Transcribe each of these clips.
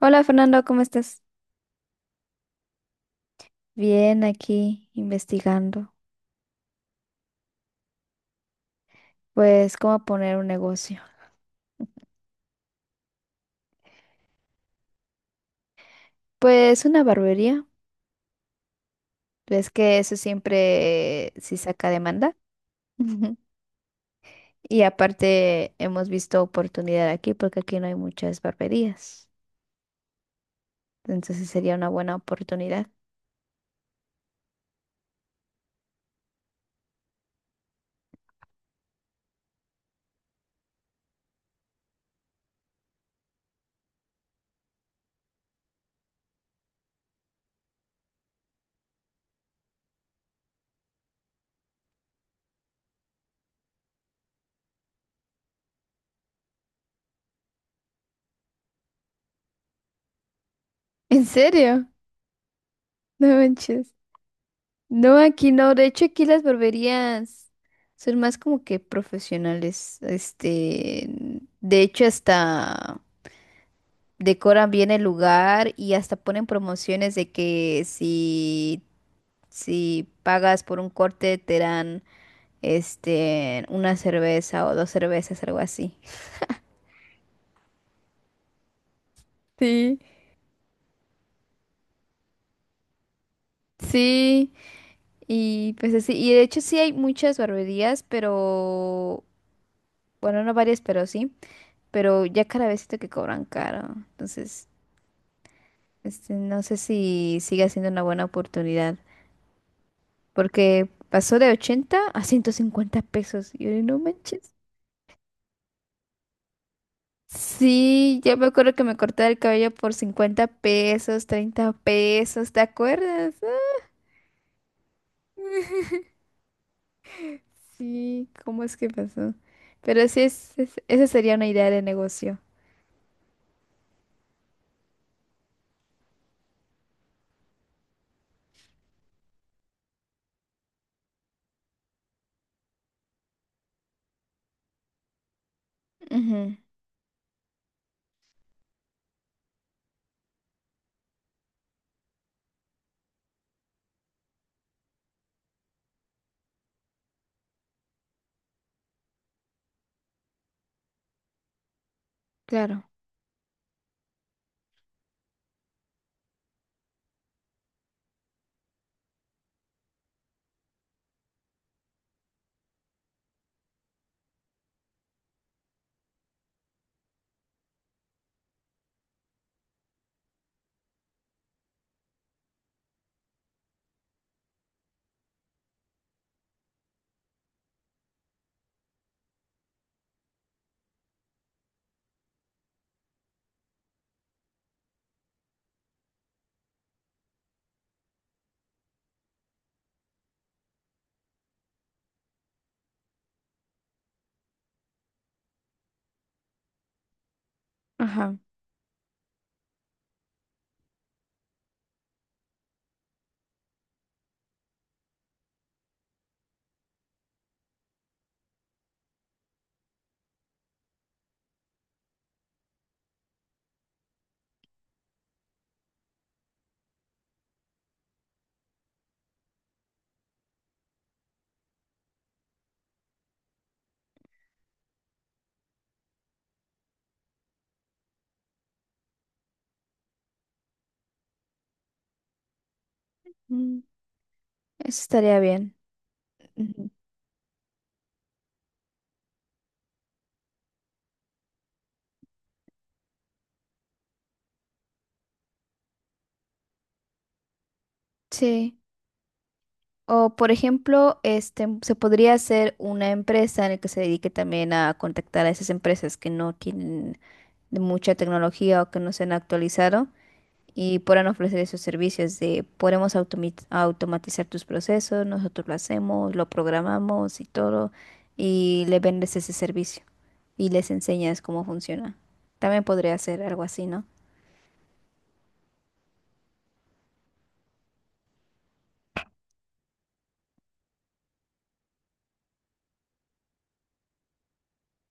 Hola Fernando, ¿cómo estás? Bien, aquí investigando, pues cómo poner un negocio. Pues una barbería, ves que eso siempre sí saca demanda. Y aparte hemos visto oportunidad aquí porque aquí no hay muchas barberías. Entonces sería una buena oportunidad. ¿En serio? No manches. No, aquí no. De hecho, aquí las barberías son más como que profesionales. Este, de hecho, hasta decoran bien el lugar y hasta ponen promociones de que si pagas por un corte te dan este una cerveza o dos cervezas, algo así. Sí, sí, y pues así, y de hecho sí hay muchas barberías, pero bueno, no varias, pero sí, pero ya cada vez siento que cobran caro, entonces este, no sé si sigue siendo una buena oportunidad, porque pasó de 80 a 150 pesos, y yo, no manches. Sí, yo me acuerdo que me corté el cabello por 50 pesos, 30 pesos, ¿te acuerdas? Ah, sí, ¿cómo es que pasó? Pero sí, esa sería una idea de negocio. Ujú, claro, ajá. Mm, eso estaría bien. Ujú, sí. O, por ejemplo, este, se podría hacer una empresa en la que se dedique también a contactar a esas empresas que no tienen de mucha tecnología o que no se han actualizado y podrán ofrecer esos servicios de podemos automatizar tus procesos, nosotros lo hacemos, lo programamos y todo, y le vendes ese servicio y les enseñas cómo funciona. También podría hacer algo así, ¿no?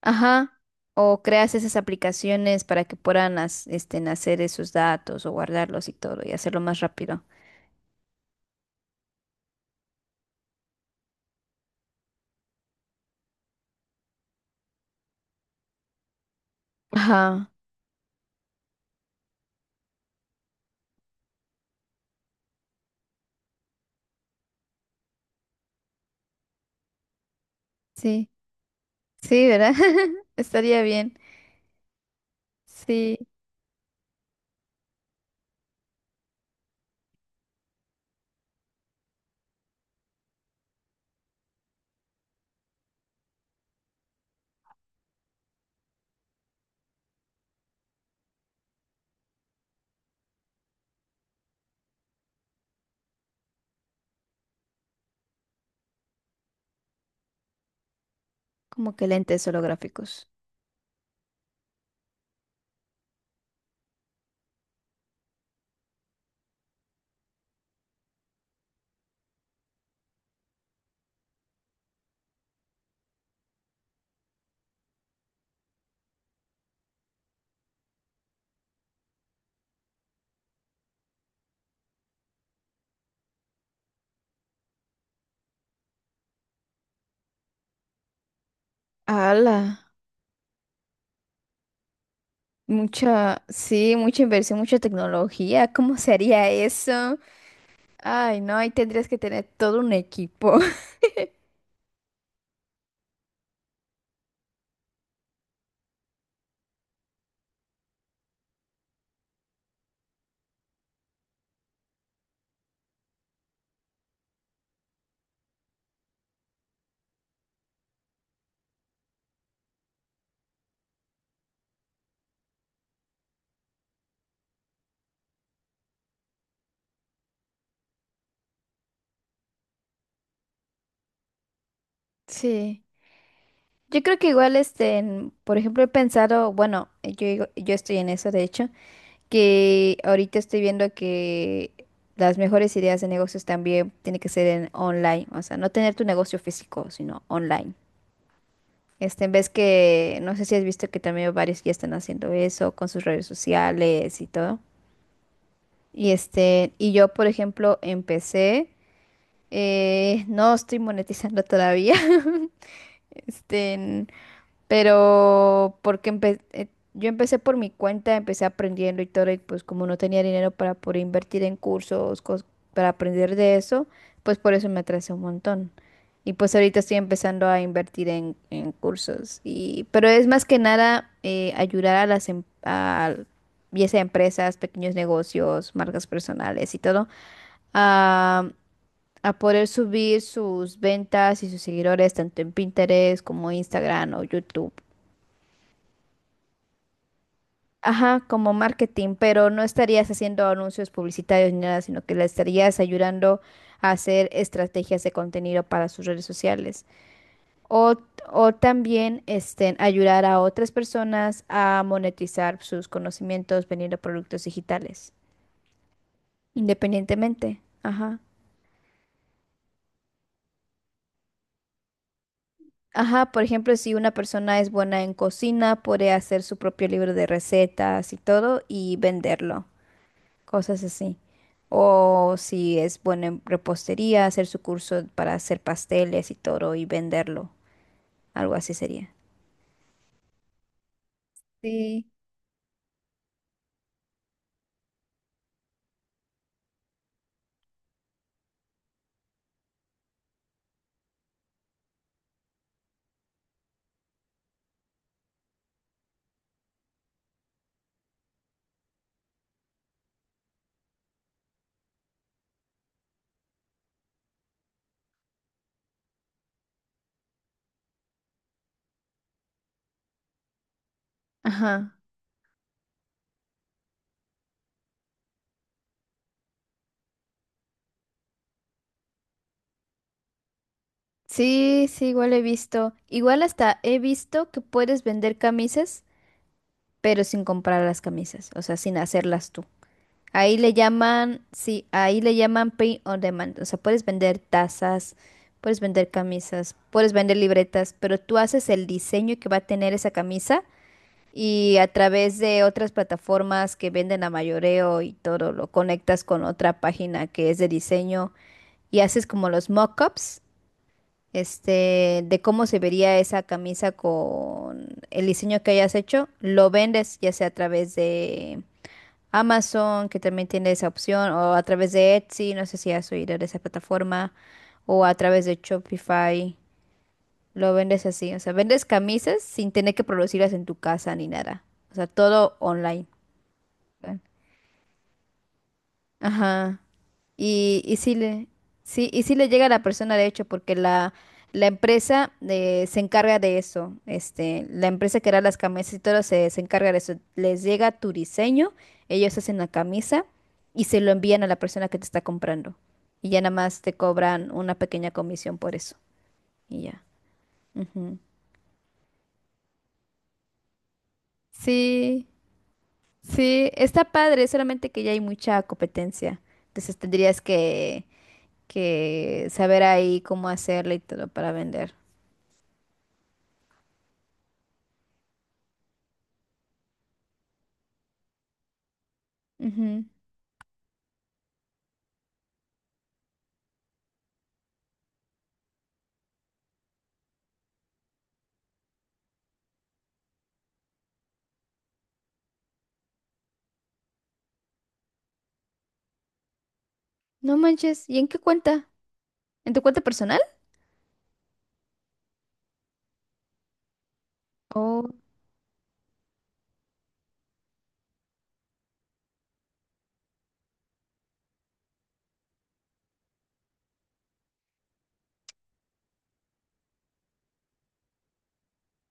Ajá. O creas esas aplicaciones para que puedan este, hacer esos datos o guardarlos y todo y hacerlo más rápido. Ajá. Sí. Sí, ¿verdad? Estaría bien. Sí. Como que lentes holográficos. ¡Hala! Mucha, sí, mucha inversión, mucha tecnología. ¿Cómo se haría eso? Ay, no, ahí tendrías que tener todo un equipo. Sí. Yo creo que igual, este, por ejemplo, he pensado, bueno, yo, yo estoy en eso, de hecho, que ahorita estoy viendo que las mejores ideas de negocios también tienen que ser en online, o sea, no tener tu negocio físico, sino online. Este, en vez que, no sé si has visto que también varios ya están haciendo eso con sus redes sociales y todo. Y este, y yo, por ejemplo, empecé, no estoy monetizando todavía. Este, pero porque yo empecé por mi cuenta, empecé aprendiendo y todo, y pues como no tenía dinero para poder invertir en cursos, para aprender de eso, pues por eso me atrasé un montón. Y pues ahorita estoy empezando a invertir en cursos. Y, pero es más que nada ayudar a las a, ya sea empresas, pequeños negocios, marcas personales y todo, a, a poder subir sus ventas y sus seguidores tanto en Pinterest como Instagram o YouTube. Ajá, como marketing, pero no estarías haciendo anuncios publicitarios ni nada, sino que le estarías ayudando a hacer estrategias de contenido para sus redes sociales. O, o también este, ayudar a otras personas a monetizar sus conocimientos vendiendo productos digitales, independientemente. Ajá. Ajá, por ejemplo, si una persona es buena en cocina, puede hacer su propio libro de recetas y todo y venderlo. Cosas así. O si es bueno en repostería, hacer su curso para hacer pasteles y todo y venderlo. Algo así sería. Sí, ajá. Sí, sí, igual he visto. Igual hasta he visto que puedes vender camisas, pero sin comprar las camisas, o sea, sin hacerlas tú. Ahí le llaman, sí, ahí le llaman pay on demand. O sea, puedes vender tazas, puedes vender camisas, puedes vender libretas, pero tú haces el diseño que va a tener esa camisa y a través de otras plataformas que venden a mayoreo y todo, lo conectas con otra página que es de diseño y haces como los mockups, este, de cómo se vería esa camisa con el diseño que hayas hecho, lo vendes ya sea a través de Amazon, que también tiene esa opción, o a través de Etsy, no sé si has oído de esa plataforma, o a través de Shopify. Lo vendes así, o sea, vendes camisas sin tener que producirlas en tu casa ni nada. O sea, todo online. Ajá. Y sí le llega a la persona, de hecho, porque la empresa se encarga de eso. Este, la empresa que hará las camisas y todo se encarga de eso. Les llega tu diseño, ellos hacen la camisa y se lo envían a la persona que te está comprando. Y ya nada más te cobran una pequeña comisión por eso. Y ya. Ujú. Sí. Sí, está padre, solamente que ya hay mucha competencia. Entonces tendrías que saber ahí cómo hacerle y todo para vender. Ujú. No manches, ¿y en qué cuenta? ¿En tu cuenta personal? Oh,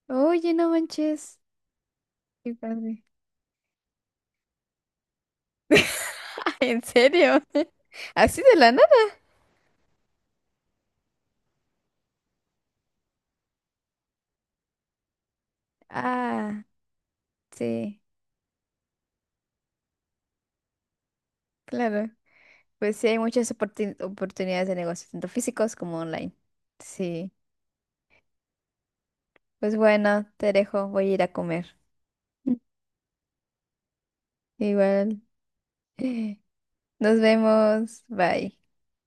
oye, no manches. Qué padre. ¿En serio? ¿Así de la nada? Ah, sí, claro. Pues sí, hay muchas oportunidades de negocio, tanto físicos como online. Sí, pues bueno, te dejo, voy a ir a comer. Igual. Nos vemos. Bye.